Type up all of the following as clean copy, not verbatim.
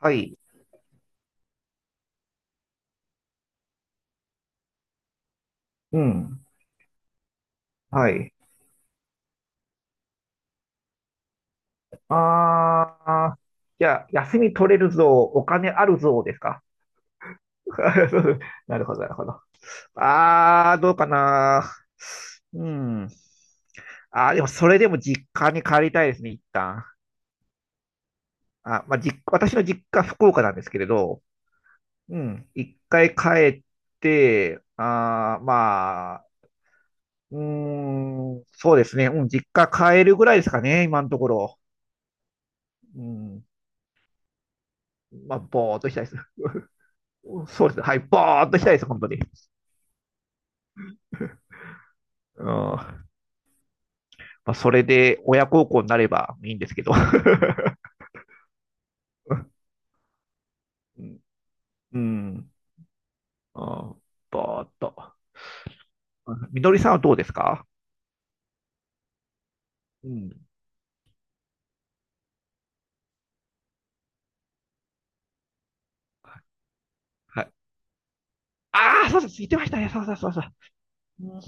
はい。うん。はい。ああ、じゃあ、休み取れるぞ、お金あるぞですか？ なるほど、なるほど。ああ、どうかな。うん。あーでも、それでも実家に帰りたいですね、一旦。あ、まあ、私の実家、福岡なんですけれど、うん。一回帰って、ああ、まあ、うーん、そうですね。うん、実家帰るぐらいですかね、今のところ。うん。まあ、ぼーっとしたいです。そうですね。はい。バーっとしたいです、本当に。うん。まあ、それで親孝行になればいいんですけど。うんうん。あーバーっと。みのりさんはどうですか？うん。はい。ああ、そうです。言ってましたね。そうそうそうそう。うん。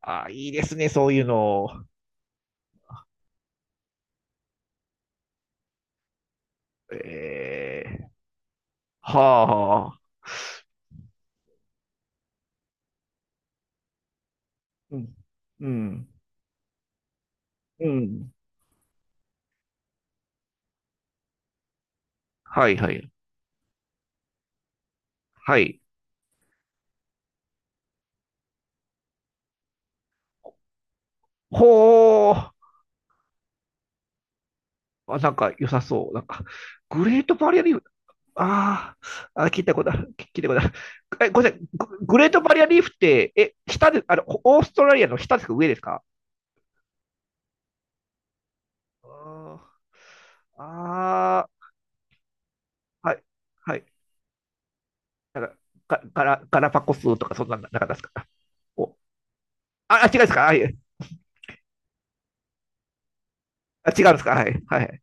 ああ、いいですね、そういうの。ええ。はあ、はあ。うん。うん。うん。はいはい。はい。ほー。あ、なんか良さそう。なんか、グレートバリアリーフ、ああ、あ、聞いたことある。聞いたことある。え、ごめんなさい。グレートバリアリーフって、え、下で、あの、オーストラリアの下ですか、上ですか？あーあー、はい、はい。なんか、ガラパコスとか、そんな、なかったですか？お、あ、あ違うんですか、はい。あ、違うんですか、はい、はい。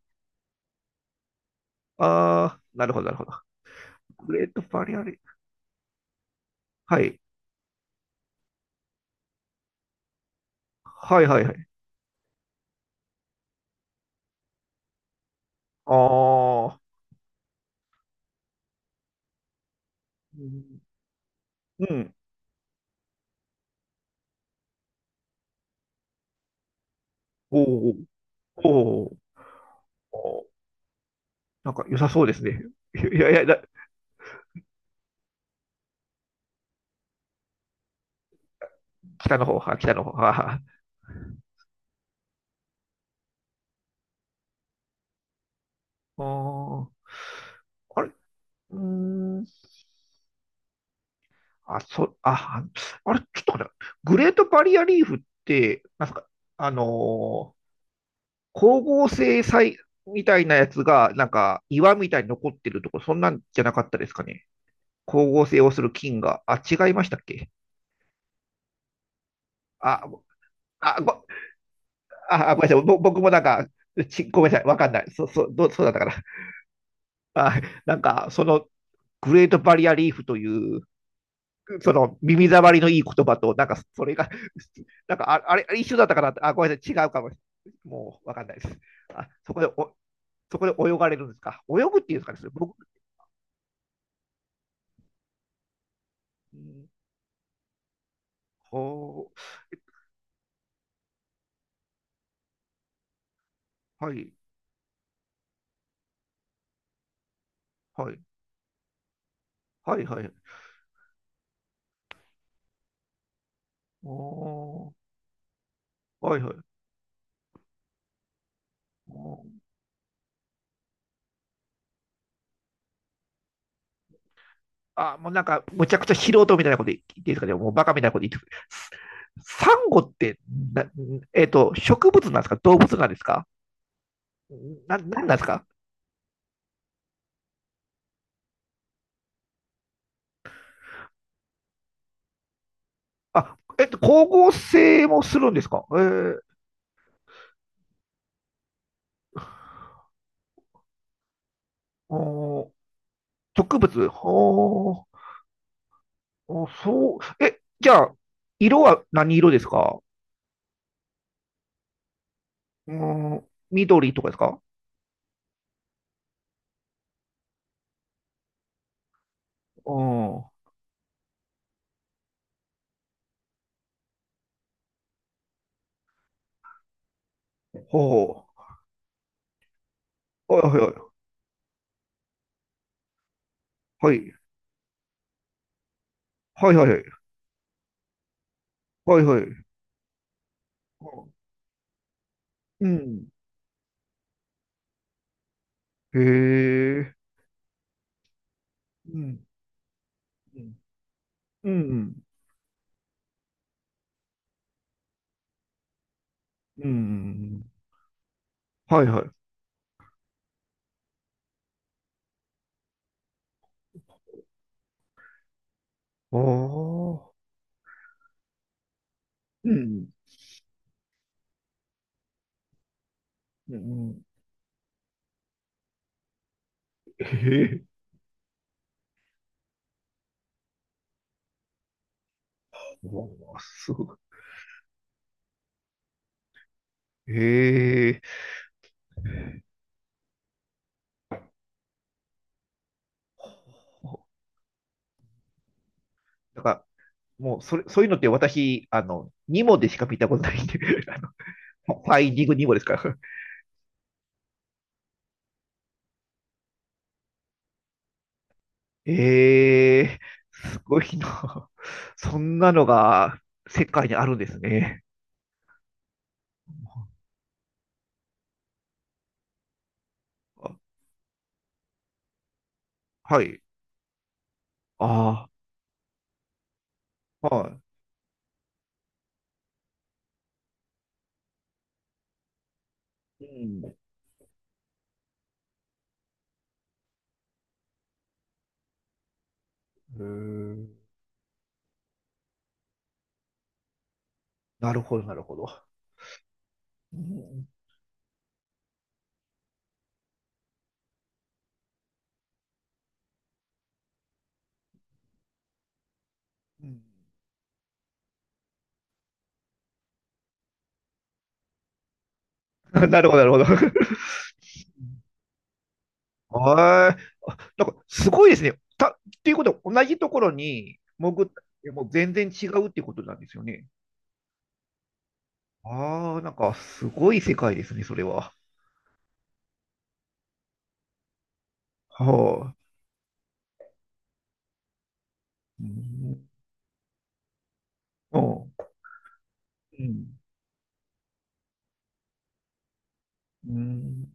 ああ、なるほど、なるほど。グレートバリアリーフ。はい、はい、はい、はい。ああ、うん、うん。おー、おー、おー。おー、なんか良さそうですね。いやいや、北の方は、北の方は。うーん。あれ。うーん。あれ、ちょっと待って、グレートバリアリーフって、なんか、あのー光合成みたいなやつが、なんか、岩みたいに残ってるとこ、そんなんじゃなかったですかね。光合成をする菌が。あ、違いましたっけ？あ、あ、ご、あ、あごめんなさい。僕もなんか、ごめんなさい。わかんない。そうだったかな。あ、なんか、その、グレートバリアリーフという、その耳障りのいい言葉と、なんかそれが、なんかああれあれ一緒だったかなあ、ごめんなさい、違うかもしれない。もうわかんないです。あそこでお、そこで泳がれるんですか、泳ぐっていうんですかね、それ僕、ほう。はい、はい、はい、はい。お。はい、はい。お。あ、もうなんか、むちゃくちゃ素人みたいなこと言っていいですかね、もうバカみたいなこと言って。サンゴってな、えっと、植物なんですか、動物なんですか？なんなんですか？あ、えっと、光合成もするんですか？えー、おー。植物。ほー、おそう。え、じゃあ、色は何色ですか？うーん、緑とかですか？うん。ほう。はいはいはい。はいはいはい。はいはい。うん。へえ。うん。うん。うん。はいはい。ああ。うん。うん。へえ。おー、すごい。へえ。だから、もう、それ、そういうのって私、あの、ニモでしか見たことないんで、あの、ファインディングニモですから。え。えー、すごいな。そんなのが世界にあるんですね。あ、はい。ああ、はい。うん。へえ。なるほど、なるほど。うん。うん。 なるほど、なるほど。はい。あ、なんか、すごいですね。ていうことは、同じところに潜ったってもう全然違うってことなんですよね。ああ、なんかすごい世界ですね、それは。はあ。うん。うん。うん。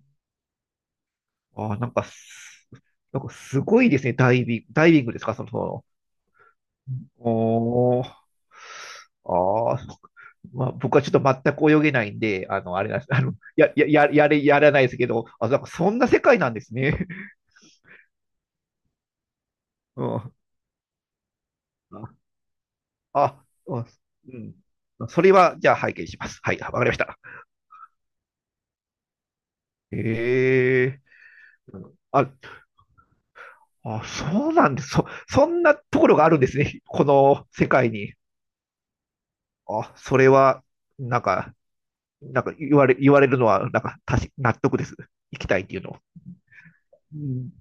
ああ、なんかす、なんかすごいですね、ダイビング、ダイビングですか、その、その。おー。ああ、まあ、僕はちょっと全く泳げないんで、あの、あれなんです。あの、やらないですけど、あ、なんかそんな世界なんですね。うん。あ、あ、うん。それは、じゃあ拝見します。はい、わかりました。へえ。あ、あ、そうなんです。そんなところがあるんですね、この世界に。あ、それは、なんか、言われるのは、なんか、納得です。行きたいっていうの。うん。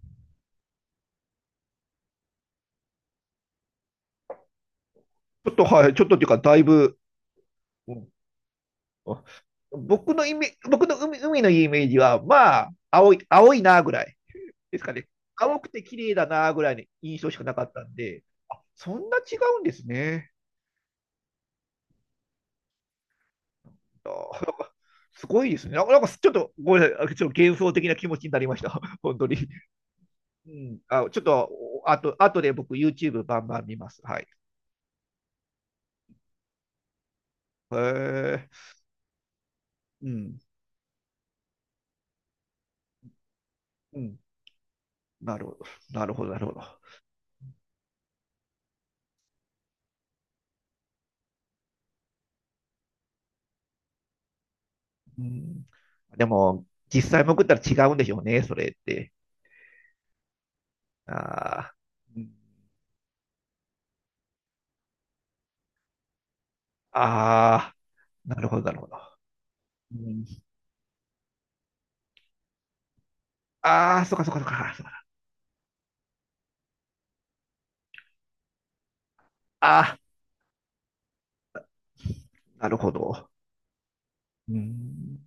ちょっと、はい、ちょっとっていうか、だいぶ、うん、あ、僕のイメ、僕の海、海のイメージは、まあ、青い、青いなぐらいですかね。青くて綺麗だなぐらいの印象しかなかったんで、そんな違うんですね。あー、なんかすごいですね。なんか、なんかちょっとごめんなさい、ちょっと幻想的な気持ちになりました。本当に。うん、あ、ちょっと、あと、あとで僕 YouTube バンバン見ます。はい。へえ。うん。うん。なるほど。なるほど、なるほど。うん。でも、実際潜ったら違うんでしょうね、それって。ああ。うん。ああ、なるほど、なるほど。うん、ああ、そっかそっかそっか。ああ、なるほど。うん